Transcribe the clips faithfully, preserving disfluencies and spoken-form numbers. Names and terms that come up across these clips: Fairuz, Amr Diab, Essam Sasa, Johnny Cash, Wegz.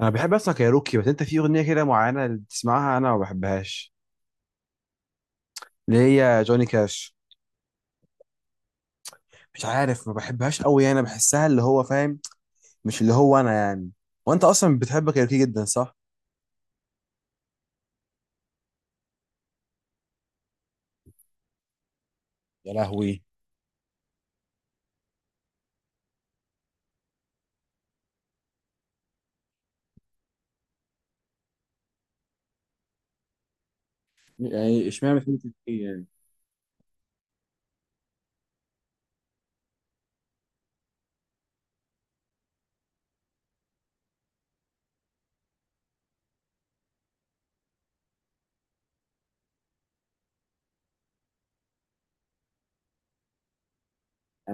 انا بحب اسمع كايروكي، بس انت في اغنيه كده معينه بتسمعها انا ما بحبهاش. اللي هي جوني كاش. مش عارف، ما بحبهاش قوي. انا بحسها اللي هو فاهم، مش اللي هو انا يعني. وانت اصلا بتحب كايروكي جدا، صح؟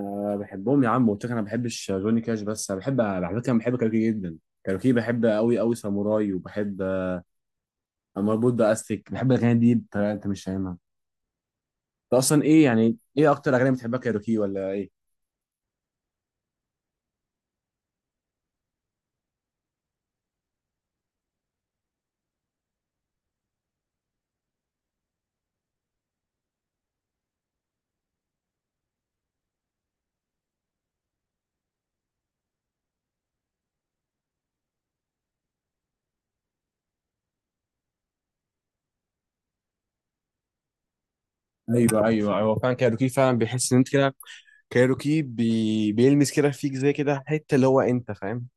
أنا بحبهم يا عم، مش جوني كاش بس. أنا بحب، على فكرة، أنا بحب جدا كاروكي. بحب، مربوط بأستك، بحب الأغاني دي بطريقة أنت مش فاهمها أنت. أصلا إيه يعني، إيه أكتر أغاني بتحبها، كاروكي ولا إيه؟ ايوه ايوه ايوه، فعلا. كايروكي فعلا بيحس ان انت كده. كايروكي بي... بيلمس كده فيك زي كده حته اللي هو، انت فاهم.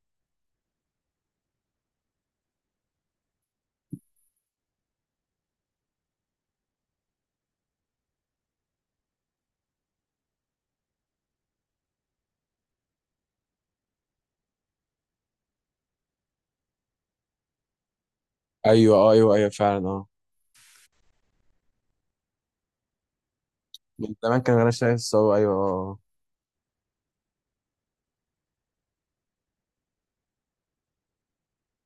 ايوه، اه، ايوه ايوه، فعلا، اه. من زمان، كان انا شايف الصاوي، ايوه، اه، آه.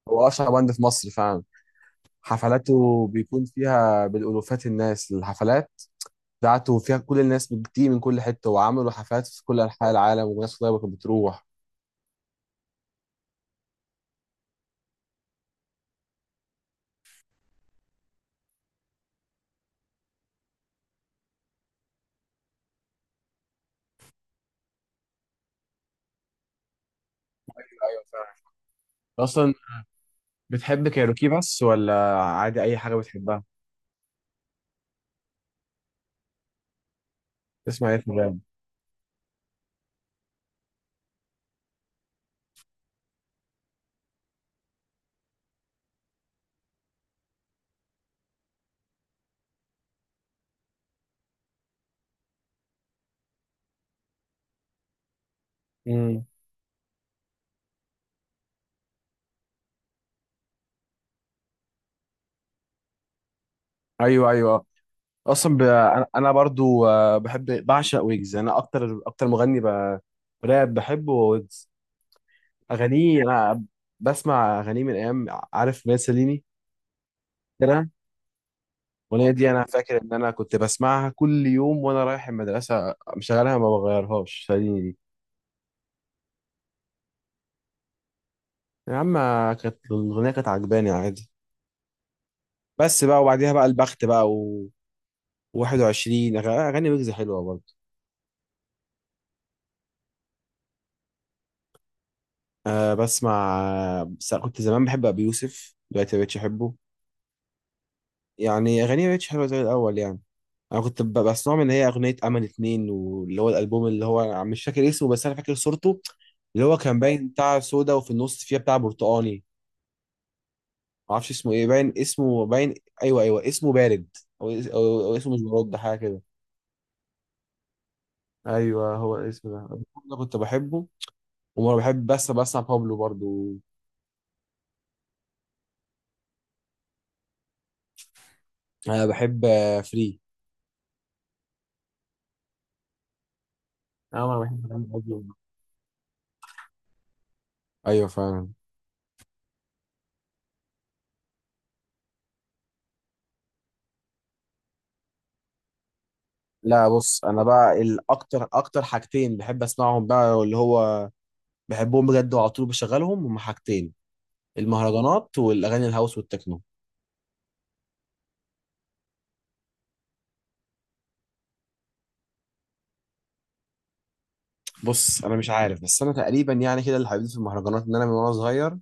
هو اشهر باند في مصر فعلا. حفلاته بيكون فيها بالالوفات الناس. الحفلات بتاعته فيها كل الناس بتيجي من كل حته، وعملوا حفلات في كل انحاء العالم، وناس طيبه كانت بتروح. ايوه فعلا. اصلا بتحب كايروكي بس، ولا عادي اي حاجه بتحبها؟ تسمع ايه في الراب؟ امم. ايوه ايوه. اصلا ب... انا أنا برضو، آه، بحب، بعشق ويجز. انا اكتر اكتر مغني ب... راب بحبه هو ويجز. اغانيه، انا بسمع اغانيه من ايام، عارف مين؟ سليني كده. الاغنيه دي انا فاكر ان انا كنت بسمعها كل يوم وانا رايح المدرسه، مشغلها ما بغيرهاش، سليني دي. يا عم، كانت الاغنيه كانت عجباني عادي. بس بقى، وبعديها بقى البخت بقى، و واحد وعشرين أغ- اغاني ويجز حلوه برضه. أه بسمع. بس كنت زمان بحب ابي يوسف، دلوقتي مبقتش احبه. يعني أغانيه مبقتش حلوة زي الأول يعني. أنا كنت ب- بسمعهم، إن هي أغنية أمل اتنين، واللي هو الألبوم، اللي هو مش فاكر اسمه، بس أنا فاكر صورته. اللي هو كان باين بتاع سودا وفي النص فيها بتاع برتقاني. معرفش اسمه إيه، باين اسمه، باين. أيوه أيوه، اسمه بارد. أو, اس- أو, أو اسمه، مش برد، حاجة كده. أيوه، هو الاسم ده. أنا كنت بحبه. وما بحب، بس بسمع بابلو برضو. أنا بحب، آه، فري. اه، انا بحب اغاني بابلو. ايوه فعلا. لا، بص، انا بقى الاكتر، اكتر حاجتين بحب اسمعهم بقى اللي هو، بحبهم بجد وعلى طول بشغلهم، هما حاجتين: المهرجانات، والاغاني الهاوس والتكنو. بص، انا مش عارف، بس انا تقريبا يعني كده اللي حبيت في المهرجانات ان انا من وانا صغير،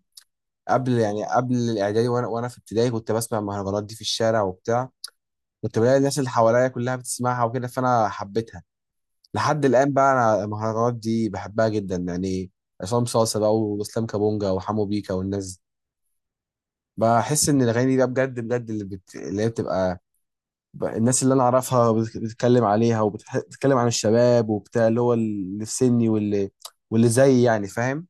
قبل يعني قبل الاعدادي، وانا وانا في ابتدائي كنت بسمع المهرجانات دي في الشارع وبتاع. كنت بلاقي الناس اللي حواليا كلها بتسمعها وكده، فانا حبيتها. لحد الان بقى، انا المهرجانات دي بحبها جدا يعني. عصام صاصا بقى، واسلام كابونجا، وحمو بيكا، والناس. بحس ان الاغاني دي بقى بجد بجد، اللي بت... اللي هي بتبقى، ب- الناس اللي انا اعرفها بت- بتتكلم عليها، وبتتكلم عن الشباب وبتاع، اللي هو اللي في سني، واللي واللي زيي يعني، فاهم.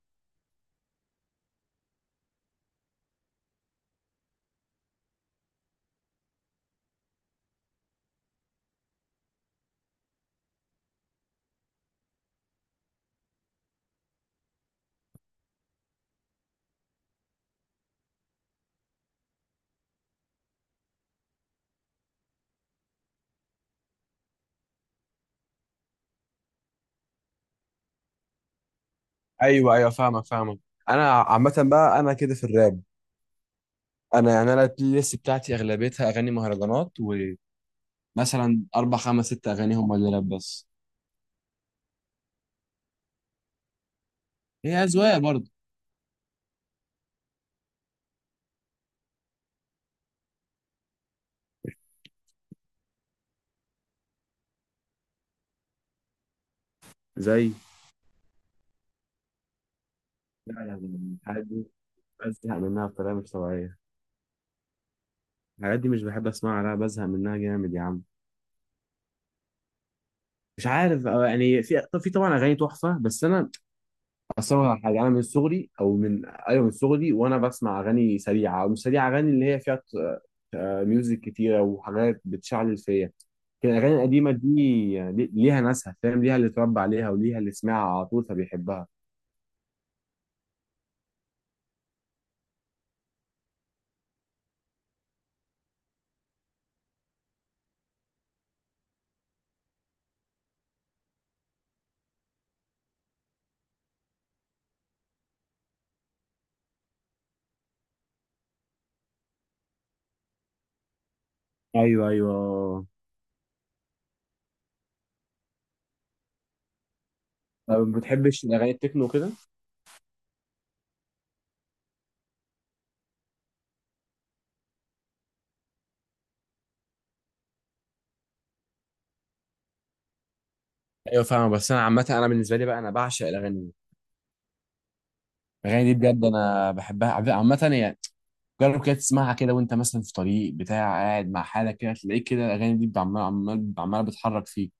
ايوه ايوه، فاهمك فاهمك. انا عامه بقى انا كده في الراب. انا يعني انا البلاي ليست بتاعتي اغلبيتها اغاني مهرجانات. ومثلا اربع خمس ست اغاني هم اللي راب بس. هي اذواق برضه. زي. لا، يعني الحاجات دي بزهق منها بطريقه مش طبيعيه. الحاجات دي مش بحب اسمعها، لا، بزهق منها جامد يا عم. مش عارف، أو يعني في، طب في طبعا اغاني تحفه، بس انا، اصل أقول لك على حاجه: انا من صغري، او من، ايوه، من صغري وانا بسمع اغاني سريعه او مش سريعه، اغاني اللي هي فيها ت- آه، ميوزك كتيره وحاجات بتشعل فيا. لكن الاغاني القديمه دي يعني لي- ليها ناسها، فاهم، ليها اللي اتربى عليها، وليها اللي سمعها على طول فبيحبها. ايوه ايوه. طب ما بتحبش الاغاني التكنو كده؟ ايوه، فاهم. بس انا عامه انا بالنسبه لي بقى انا بعشق الاغاني. الاغاني دي بجد انا بحبها عب- عامه يعني. جرب كده تسمعها كده وانت مثلا في طريق بتاع قاعد مع حالك كده، تلاقيك كده الاغاني دي عمال عمال عماله بتحرك فيك.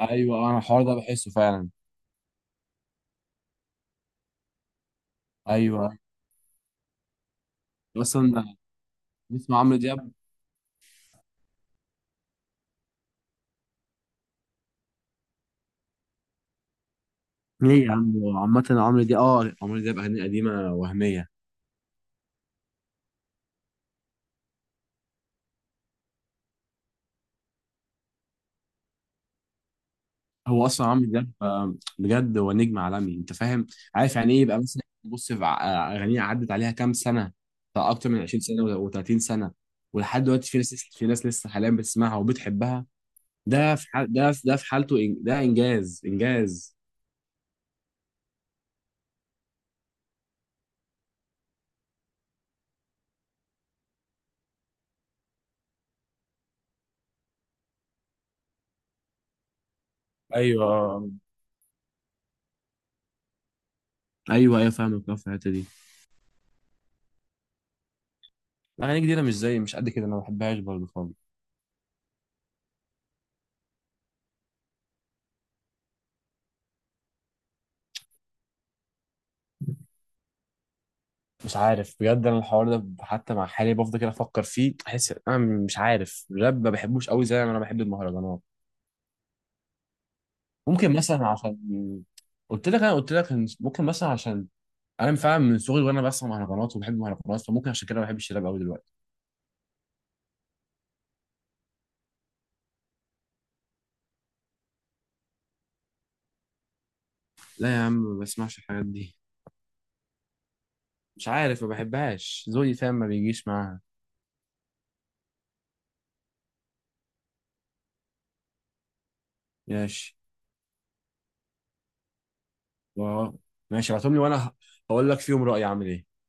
ايوه، انا الحوار ده بحسه فعلا. ايوه. اصلا بنسمع عمرو دياب. ليه يا عم؟ عامة عمرو دياب اه عمرو دياب اغاني قديمة وهمية. هو اصلا عمرو دياب، آه، بجد هو نجم عالمي انت فاهم. عارف يعني ايه يبقى مثلا؟ بص، في ع- آه، اغانيه عدت عليها كام سنه، بتاع اكتر من عشرين سنه و30 سنه، ولحد دلوقتي في ناس، في ناس لسه حاليا بتسمعها وبتحبها. ده في حال ده في ده في حالته، إن- ده انجاز انجاز. ايوه، آه. ايوه ايوه فاهمك، آه، في الحته دي. اغاني جديده مش زي، مش قد كده انا ما بحبهاش برضه خالص. مش عارف بجد، انا الحوار ده حتى مع حالي بفضل كده افكر فيه، احس انا مش عارف الراب ما بحبوش قوي زي ما انا بحب المهرجانات. ممكن مثلا عشان، قلت لك، انا قلت لك إن ممكن مثلا عشان انا فعلا من صغري وانا بسمع مهرجانات وبحب المهرجانات، فممكن عشان كده ما بحبش الراب قوي دلوقتي. لا يا عم، ما بسمعش الحاجات دي. مش عارف، ما بحبهاش، ذوقي فاهم، ما بيجيش معاها. ماشي. و- ماشي ابعتهم لي وانا هقول لك فيهم رأيي عامل ايه.